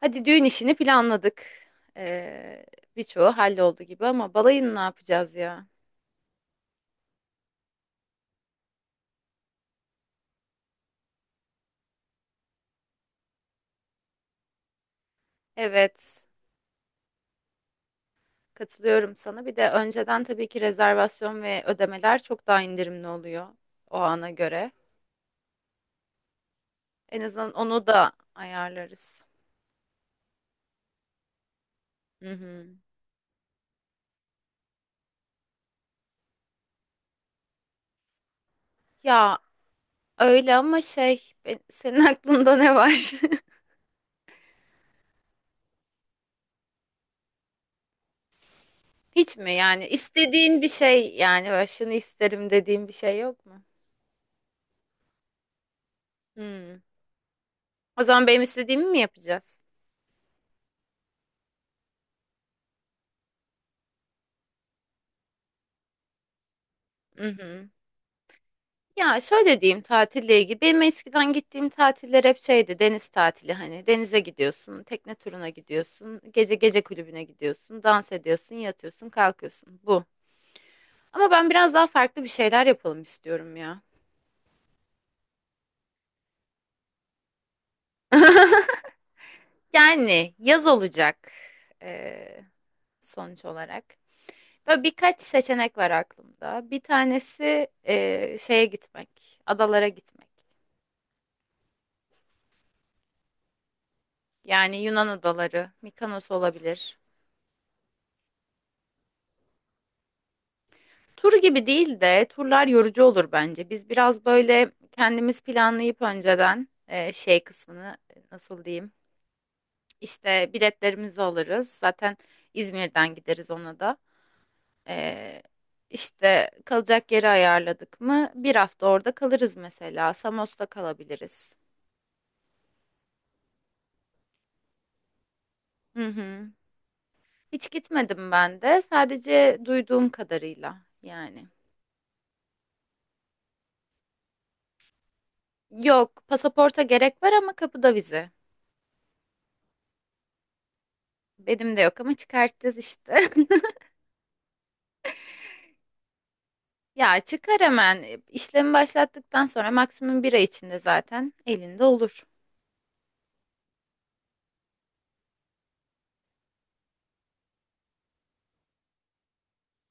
Hadi düğün işini planladık. Ee, Birçoğu halloldu gibi ama balayını ne yapacağız ya? Evet, katılıyorum sana. Bir de önceden tabii ki rezervasyon ve ödemeler çok daha indirimli oluyor o ana göre. En azından onu da ayarlarız. Hı hı. Ya öyle ama senin aklında ne var? Hiç mi yani istediğin bir şey yani böyle şunu isterim dediğin bir şey yok mu? Hmm. O zaman benim istediğimi mi yapacağız? Mhm. Ya şöyle diyeyim tatille ilgili. Benim eskiden gittiğim tatiller hep şeydi deniz tatili hani denize gidiyorsun, tekne turuna gidiyorsun, gece gece kulübüne gidiyorsun, dans ediyorsun, yatıyorsun, kalkıyorsun. Bu. Ama ben biraz daha farklı bir şeyler yapalım istiyorum ya. Yani yaz olacak eee, sonuç olarak. Böyle birkaç seçenek var aklımda. Bir tanesi şeye gitmek, adalara gitmek. Yani Yunan adaları, Mikonos olabilir. Tur gibi değil de turlar yorucu olur bence. Biz biraz böyle kendimiz planlayıp önceden şey kısmını nasıl diyeyim? İşte biletlerimizi alırız. Zaten İzmir'den gideriz ona da. E, işte kalacak yeri ayarladık mı? Bir hafta orada kalırız mesela. Samos'ta kalabiliriz. Hı hı. Hiç gitmedim ben de. Sadece duyduğum kadarıyla yani. Yok, pasaporta gerek var ama kapıda vize. Benim de yok ama çıkartacağız işte. Ya çıkar hemen. İşlemi başlattıktan sonra maksimum bir ay içinde zaten elinde olur.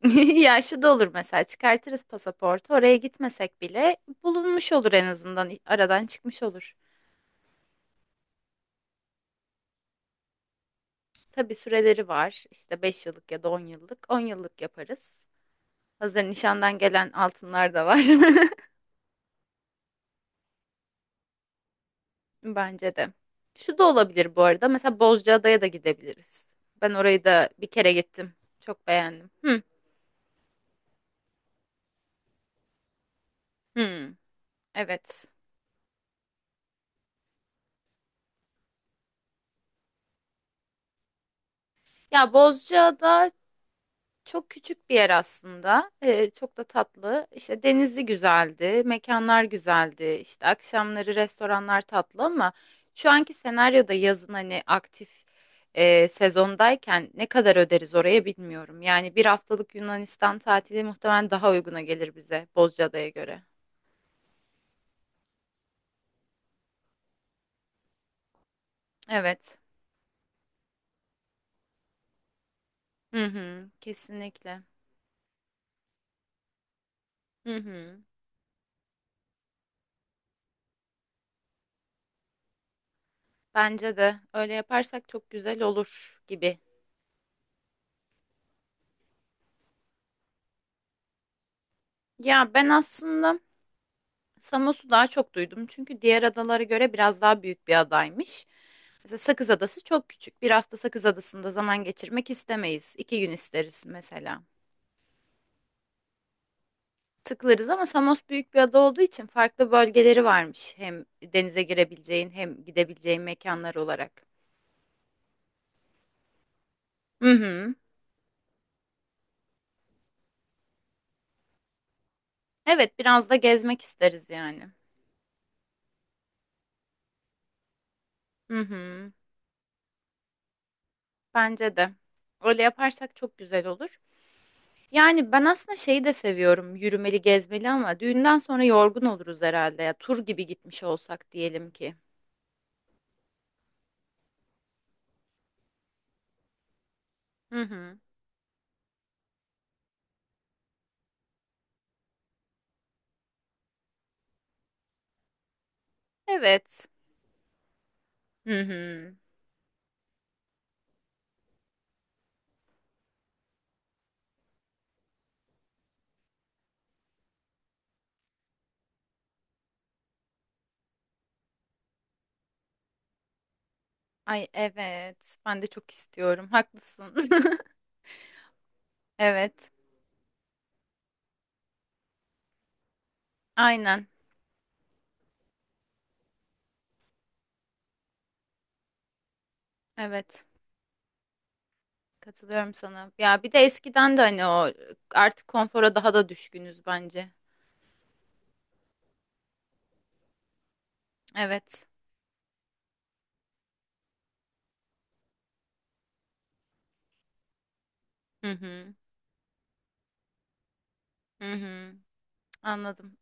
Ya şu da olur mesela çıkartırız pasaportu oraya gitmesek bile bulunmuş olur en azından aradan çıkmış olur. Tabii süreleri var işte 5 yıllık ya da 10 yıllık 10 yıllık yaparız. Hazır nişandan gelen altınlar da var. Bence de. Şu da olabilir bu arada mesela Bozcaada'ya da gidebiliriz. Ben orayı da bir kere gittim, çok beğendim. Hı, hı, evet. Ya Bozcaada, çok küçük bir yer aslında. Çok da tatlı. İşte denizi güzeldi, mekanlar güzeldi. İşte akşamları restoranlar tatlı ama şu anki senaryoda yazın hani aktif sezondayken ne kadar öderiz oraya bilmiyorum. Yani bir haftalık Yunanistan tatili muhtemelen daha uyguna gelir bize Bozcaada'ya göre. Evet. Hı hı, kesinlikle. Hı hı. Bence de öyle yaparsak çok güzel olur gibi. Ya ben aslında Samos'u daha çok duydum çünkü diğer adalara göre biraz daha büyük bir adaymış. Mesela Sakız Adası çok küçük. Bir hafta Sakız Adası'nda zaman geçirmek istemeyiz. 2 gün isteriz mesela. Sıkılırız ama Samos büyük bir ada olduğu için farklı bölgeleri varmış. Hem denize girebileceğin hem gidebileceğin mekanlar olarak. Hı hı. Evet biraz da gezmek isteriz yani. Hı hı. Bence de. Öyle yaparsak çok güzel olur. Yani, ben aslında şeyi de seviyorum, yürümeli, gezmeli ama düğünden sonra yorgun oluruz herhalde ya. Tur gibi gitmiş olsak diyelim ki. Hı hı. Evet. Hı hı. Ay, evet. Ben de çok istiyorum. Haklısın. Evet. Aynen. Evet. Katılıyorum sana. Ya, bir de eskiden de, hani, o artık konfora daha da düşkünüz bence. Evet. Hı hı. Hı hı. Anladım.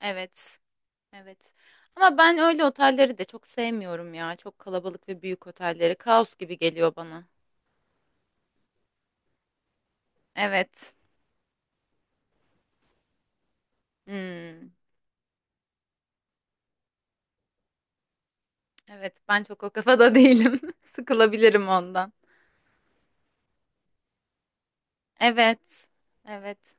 Evet. Evet. Ama ben öyle otelleri de çok sevmiyorum ya. Çok kalabalık ve büyük otelleri. Kaos gibi geliyor bana. Evet. Hmm. Evet, ben çok o kafada değilim. Sıkılabilirim ondan. Evet. Evet.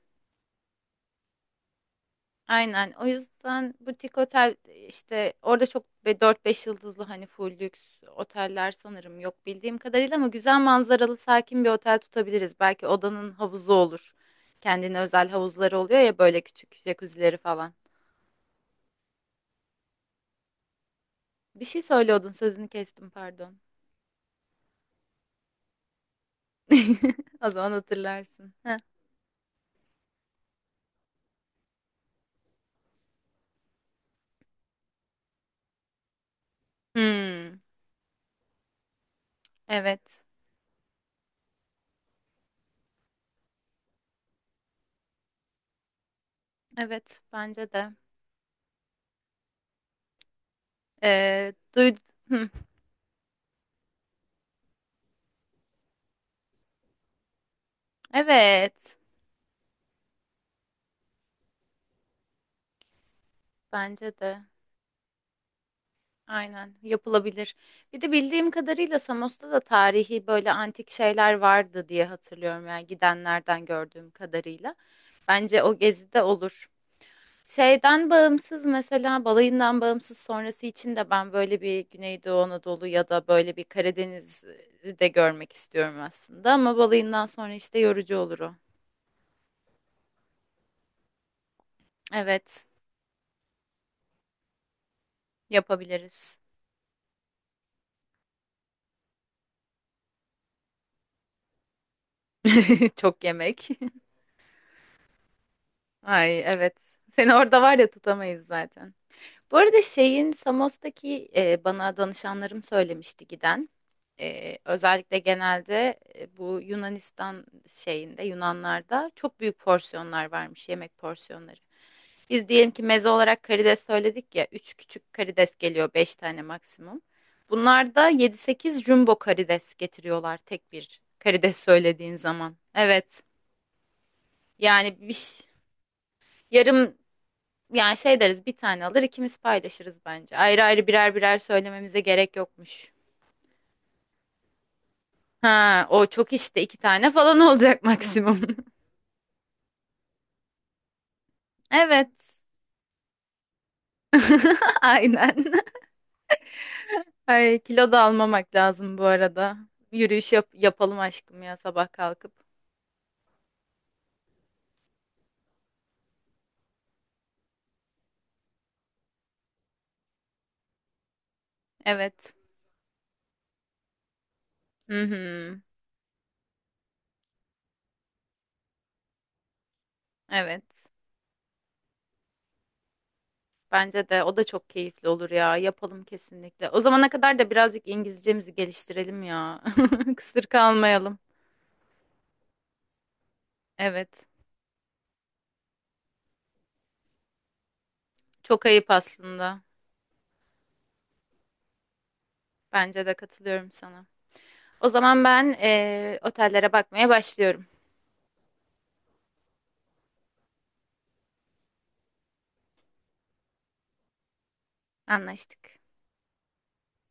Aynen. O yüzden butik otel işte orada çok 4-5 yıldızlı hani full lüks oteller sanırım yok bildiğim kadarıyla ama güzel manzaralı sakin bir otel tutabiliriz. Belki odanın havuzu olur. Kendine özel havuzları oluyor ya böyle küçük jacuzzileri falan. Bir şey söylüyordun, sözünü kestim pardon. O zaman hatırlarsın. Heh. Hmm, evet. Evet, bence de. Ee, duy- Hmm, evet, bence de. Aynen, yapılabilir. Bir de bildiğim kadarıyla Samos'ta da tarihi böyle antik şeyler vardı diye hatırlıyorum yani gidenlerden gördüğüm kadarıyla. Bence o gezide olur. Şeyden bağımsız mesela balayından bağımsız sonrası için de ben böyle bir Güneydoğu Anadolu ya da böyle bir Karadeniz'i de görmek istiyorum aslında ama balayından sonra işte yorucu olur o. Evet, yapabiliriz. Çok yemek. Ay evet. Seni orada var ya tutamayız zaten. Bu arada şeyin Samos'taki, bana danışanlarım söylemişti giden. Özellikle genelde, bu Yunanistan şeyinde, Yunanlarda çok büyük porsiyonlar varmış, yemek porsiyonları. Biz diyelim ki meze olarak karides söyledik ya, 3 küçük karides geliyor, 5 tane maksimum. Bunlar da 7-8 jumbo karides getiriyorlar tek bir karides söylediğin zaman. Evet. Yani yarım, yani şey deriz bir tane alır ikimiz paylaşırız bence. Ayrı ayrı birer birer söylememize gerek yokmuş. Ha, o çok işte iki tane falan olacak maksimum. Evet. Aynen. Ay, kilo da almamak lazım bu arada. Yürüyüş yapalım aşkım ya sabah kalkıp. Evet. Hı hı. Evet. Bence de o da çok keyifli olur ya. Yapalım kesinlikle. O zamana kadar da birazcık İngilizcemizi geliştirelim ya. Kısır kalmayalım. Evet. Çok ayıp aslında. Bence de katılıyorum sana. O zaman ben otellere bakmaya başlıyorum. Anlaştık.